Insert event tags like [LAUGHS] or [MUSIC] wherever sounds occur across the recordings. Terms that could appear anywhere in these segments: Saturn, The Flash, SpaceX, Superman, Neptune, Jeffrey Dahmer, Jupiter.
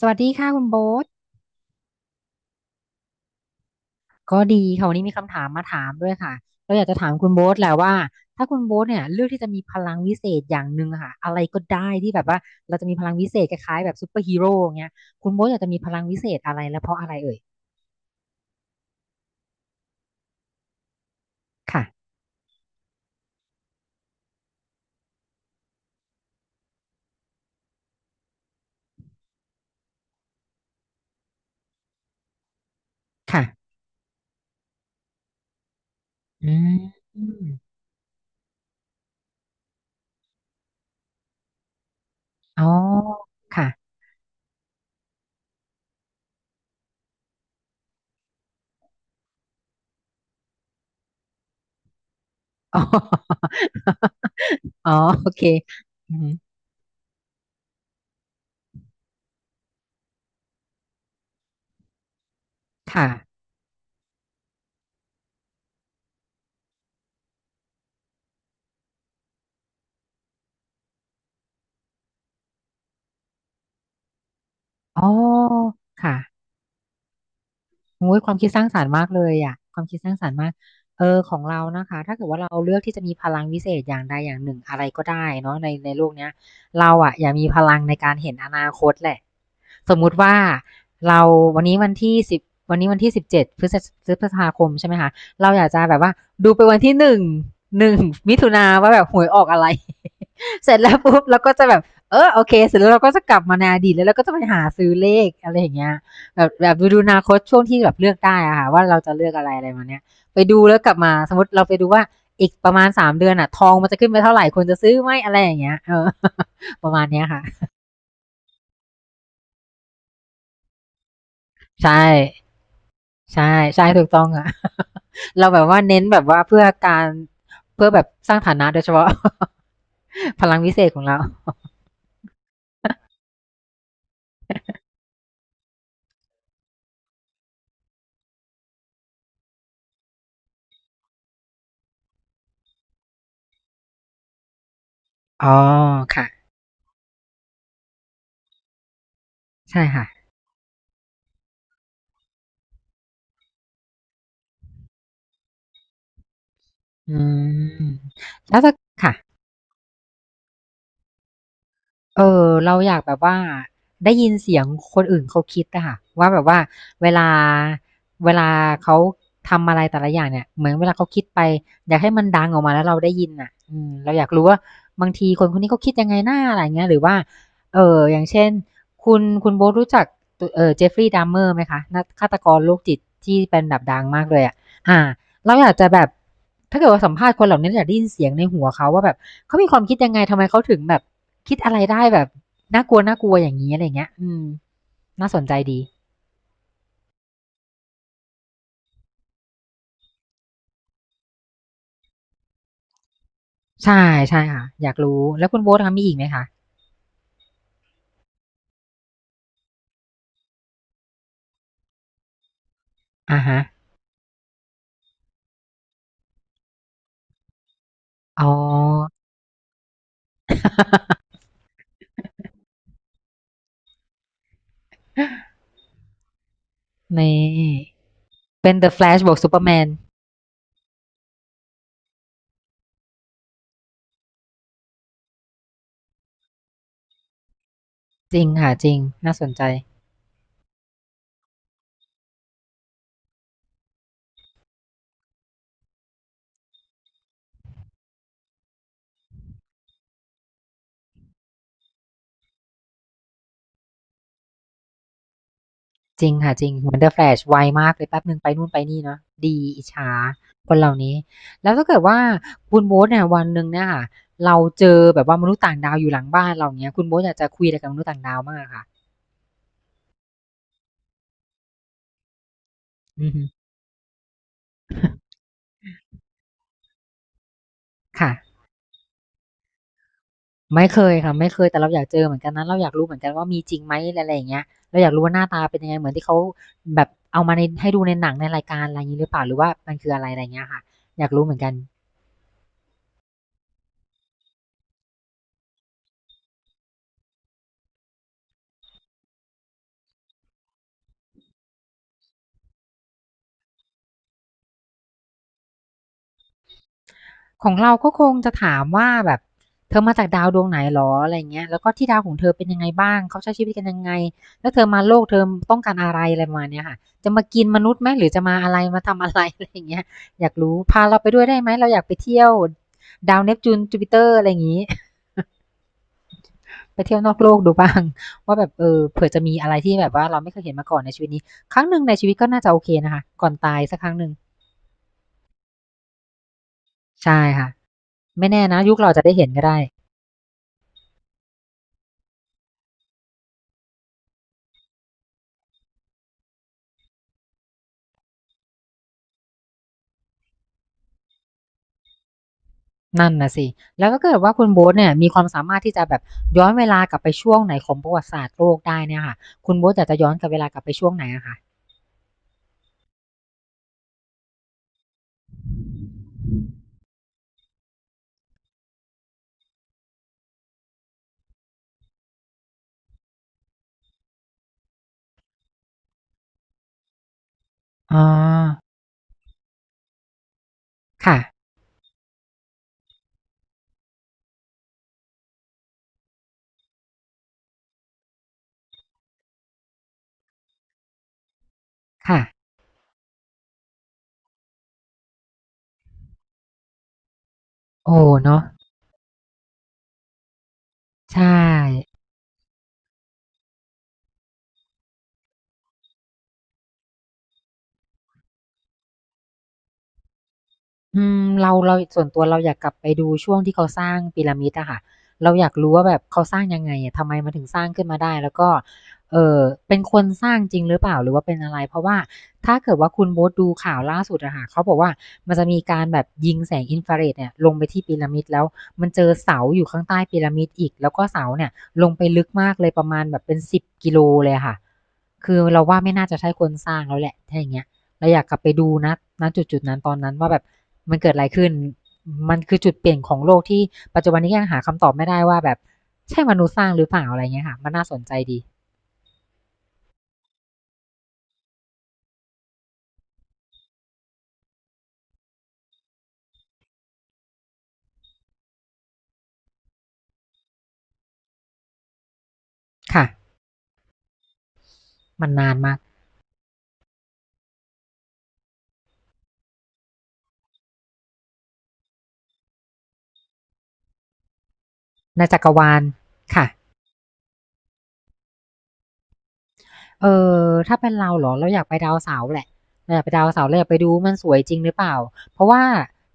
สวัสดีค่ะคุณโบ๊ทก็ดีค่ะวันนี้มีคำถามมาถามด้วยค่ะเราอยากจะถามคุณโบ๊ทแหละว่าถ้าคุณโบ๊ทเนี่ยเลือกที่จะมีพลังวิเศษอย่างหนึ่งอะค่ะอะไรก็ได้ที่แบบว่าเราจะมีพลังวิเศษคล้ายๆแบบซูเปอร์ฮีโร่อย่างเงี้ยคุณโบ๊ทอยากจะมีพลังวิเศษอะไรและเพราะอะไรเอ่ยค่ะค่ะอืมอมอ๋อค่ะอ๋อ [LAUGHS] อ๋อโอเคอืมค่ะอ๋อค่ะ โอ้ยความคิดสร้างสรรค์มากเลยอ่ะความคิดสร้างสรรค์มากเออของเรานะคะถ้าเกิดว่าเราเลือกที่จะมีพลังวิเศษอย่างใดอย่างหนึ่งอะไรก็ได้เนาะในโลกเนี้ยเราอ่ะอยากมีพลังในการเห็นอนาคตแหละสมมุติว่าเราวันนี้วันที่สิบวันนี้วันที่17พฤษภาคมใช่ไหมคะเราอยากจะแบบว่าดูไปวันที่หนึ่งมิถุนาว่าแบบหวยออกอะไร [LAUGHS] เสร็จแล้วปุ๊บเราก็จะแบบเออโอเคเสร็จแล้วเราก็จะกลับมาในอดีตแล้วเราก็จะไปหาซื้อเลขอะไรอย่างเงี้ย แบบดูอนาคตช่วงที่แบบเลือกได้อะค่ะว่าเราจะเลือกอะไรอะไรมาเนี้ยไปดูแล้วกลับมาสมมติเราไปดูว่าอีกประมาณ3 เดือนอะทองมันจะขึ้นไปเท่าไหร่ควรจะซื้อไหมอะไรอย่างเงี้ยเออ [LAUGHS] ประมาณเนี้ยค่ะใช่ใช่ใช่ถูกต้องอะ [LAUGHS] เราแบบว่าเน้นแบบว่าเพื่อการเพื่อแบบสร้างฐานะโดยเฉพาะ [LAUGHS] พลังวิเศษของเราอ๋อค่ะใช่ค่ะอืมแล้วถ้าค่ะ เออเราอยากแบบว่าได้ยินเสียงคนอื่นเขาคิดอะค่ะว่าแบบว่าเวลาเวลาเขาทำอะไรแต่ละอย่างเนี่ยเหมือนเวลาเขาคิดไปอยากให้มันดังออกมาแล้วเราได้ยินอะอืมเราอยากรู้ว่าบางทีคนคนนี้เขาคิดยังไงหน้าอะไรอย่างเงี้ยหรือว่าเอออย่างเช่นคุณโบ๊ทรู้จักตเออเจฟฟรีย์ดัมเมอร์ไหมคะนักฆาตกรโรคจิตที่เป็นแบบดังมากเลยอะอ่าเราอยากจะแบบถ้าเกิดว่าสัมภาษณ์คนเหล่านี้เราอยากได้ยินเสียงในหัวเขาว่าแบบ เขามีความคิดยังไง ทำไมเขาถึงแบบ คิดอะไรได้แบบ น่ากลัวน่ากลัวอย่างนี้อะไรเงี้ยอืม น่าสนใจดี ใช่ ใช่ค่ะ อยากรู้ แล้วคุณโบ๊ทคะมีอีกไหมคะอ่าฮะอ๋อ [LAUGHS] นี่เป็น The Flash บวก Superman จริงค่ะ จริง น่าสนใจ จริงค่ะจริงเหมือน The Flash ไวมากเลยแป๊บหนึ่งไปนู่นไปนี่เนาะดีอิจฉาคนเหล่านี้แล้วถ้าเกิดว่าคุณโบ๊ทเนี่ยวันหนึ่งเนี่ยค่ะเราเจอแบบว่ามนุษย์ต่างดาวอยู่หลังบ้านเราอย่างเงี้ยคุณโบ๊ทอยากจะคุยอะไรกับมนุษย์ต่างดาวมากอค่ะอือฮึค่ะไม่เคยค่ะไม่เคยแต่เราอยากเจอเหมือนกันนะเราอยากรู้เหมือนกันว่ามีจริงไหมอะไรอย่างเงี้ยเราอยากรู้ว่าหน้าตาเป็นยังไงเหมือนที่เขาแบบเอามาในให้ดูในหนังในรายการอะไรอย่างนี้หรือเปล่าหรือว่ามันคืออะไรอะไรอย่างเงี้ยค่ะอยากรู้เหมือนกัน ของเราก็คงจะถามว่าแบบเธอมาจากดาวดวงไหนหรออะไรเงี้ยแล้วก็ที่ดาวของเธอเป็นยังไงบ้างเขาใช้ชีวิตกันยังไงแล้วเธอมาโลกเธอต้องการอะไรอะไรมาเนี้ยค่ะจะมากินมนุษย์ไหมหรือจะมาอะไรมาทำอะไร [LAUGHS] อะไรเงี้ยอยากรู้พาเราไปด้วยได้ไหมเราอยากไปเที่ยวดาวเนปจูนจูปิเตอร์อะไรอย่างงี้ไปเที่ยวนอกโลกดูบ้างว่าแบบเออเผื่อจะมีอะไรที่แบบว่าเราไม่เคยเห็นมาก่อนในชีวิตนี้ครั้งหนึ่งในชีวิตก็น่าจะโอเคนะคะก่อนตายสักครั้งหนึ่งใช่ค่ะไม่แน่นะยุคเราจะได้เห็นก็ได้ นั่นน่ะสิแล้วก็เกิดว่าคุณโบ๊ทเนี่ยมีความสามารถที่จะแบบย้อนเวลากลับไปช่วงไหนของประวัติศาสตร์โลกได้เนี่ยค่ะคุณโบ๊ทอยากจะย้อนกลับเวลากลับไปช่วงไหนอะคะอ๋อค่ะค่ะโอ้เนาะใช่ อืมเราส่วนตัวเราอยากกลับไปดูช่วงที่เขาสร้างพีระมิดอะค่ะเราอยากรู้ว่าแบบเขาสร้างยังไงอะทำไมมันถึงสร้างขึ้นมาได้แล้วก็เอ่อเป็นคนสร้างจริงหรือเปล่าหรือว่าเป็นอะไรเพราะว่าถ้าเกิดว่าคุณโบดูข่าวล่าสุดอะค่ะเขาบอกว่ามันจะมีการแบบยิงแสงอินฟราเรดเนี่ยลงไปที่พีระมิดแล้วมันเจอเสาอยู่ข้างใต้พีระมิดอีกแล้วก็เสาเนี่ยลงไปลึกมากเลยประมาณแบบเป็นสิบกิโลเลยอะค่ะคือเราว่าไม่น่าจะใช่คนสร้างแล้วแหละถ้าอย่างเงี้ยเราอยากกลับไปดูณจุดๆนั้นตอนนั้นว่าแบบ มันเกิดอะไรขึ้น มันคือจุดเปลี่ยนของโลกที่ปัจจุบันนี้ยังหาคำตอบไม่ได้ว่าแบบ ใช่มนุษย์สร้างหรือเปล่าอะไรเงี้ยค่ะ มันน่าสนใจดี ค่ะ มันนานมากในจักรวาลค่ะ เออถ้าเป็นเราเหรอเราอยากไปดาวเสาร์แหละเราอยากไปดาวเสาร์เราอยากไปดูมันสวยจริงหรือเปล่าเพราะว่า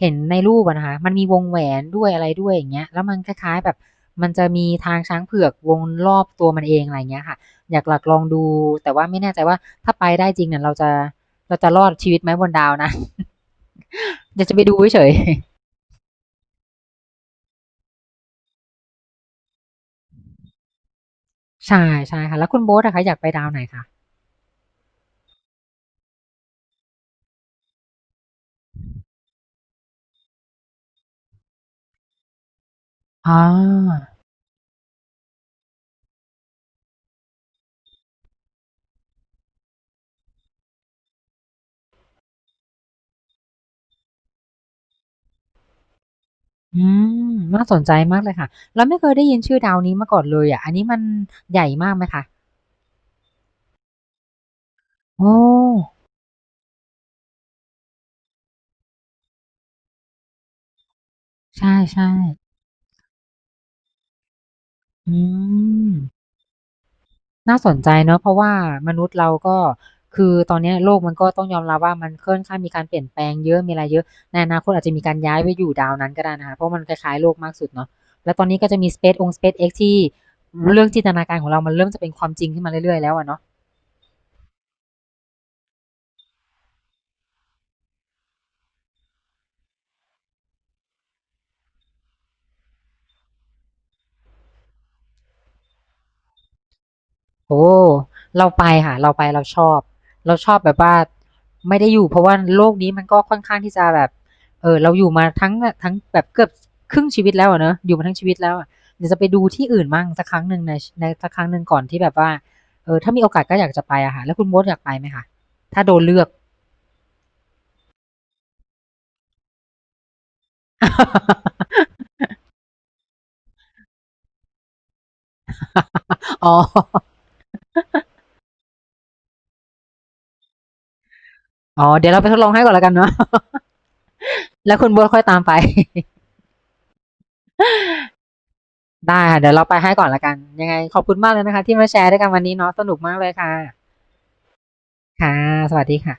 เห็นในรูปอะนะคะมันมีวงแหวนด้วยอะไรด้วยอย่างเงี้ยแล้วมันคล้ายๆแบบมันจะมีทางช้างเผือกวงรอบตัวมันเองอะไรเงี้ยค่ะอยากหลักลองดูแต่ว่าไม่แน่ใจว่าถ้าไปได้จริงเนี่ยเราจะเราจะรอดชีวิตไหมบนดาวนะ [LAUGHS] อยากจะไปดูเฉยๆ [LAUGHS] ใช่ใช่ค่ะแล้วคุณโบ๊ทนะคะอยากไปดาวไหนคะอ๋อ อืมน่าสนใจมากเลยค่ะเราไม่เคยได้ยินชื่อดาวนี้มาก่อนเลยอะอันนี้มันใหญ่มากไหมคะโอ้ใช่ๆอืม น่าสนใจเนาะเพราะว่ามนุษย์เราก็คือตอนเนี้ยโลกมันก็ต้องยอมรับว่ามันค่อนข้างมีการเปลี่ยนแปลงเยอะมีอะไรเยอะ ในอนาคตอาจจะมีการย้ายไปอยู่ดาวนั้นก็ได้นะคะ เพราะมันคล้ายๆโลกมากสุดเนาะแล้วตอนนี้ก็จะมี SpaceX ที่เรื่องจินตนาการของเรามันเริ่มจะเป็นความจริงขึ้นมาเรื่อยๆแล้วอะเนาะ โอ้เราไปค่ะเราไปเราชอบเราชอบแบบว่าไม่ได้อยู่เพราะว่าโลกนี้มันก็ค่อนข้างที่จะแบบเออเราอยู่มาทั้งแบบเกือบครึ่งชีวิตแล้วอะเนอะอยู่มาทั้งชีวิตแล้วอะเดี๋ยวจะไปดูที่อื่นมั่งสักครั้งหนึ่งในสักครั้งหนึ่งก่อนที่แบบว่าเออถ้ามีโอกาสก็อยากจะไปอะค่ะแล้วคุณมดอยากไปไหมคะถ้าโดนเลือก [LAUGHS] อ๋ออ๋อเดี๋ยวเราไปทดลองให้ก่อนแล้วกันเนาะ [LAUGHS] แล้วคุณโบทค่อยตามไป [LAUGHS] ได้ค่ะเดี๋ยวเราไปให้ก่อนและกันยังไงขอบคุณมากเลยนะคะที่มาแชร์ด้วยกันวันนี้เนาะสนุกมากเลยค่ะ ค่ะ สวัสดีค่ะ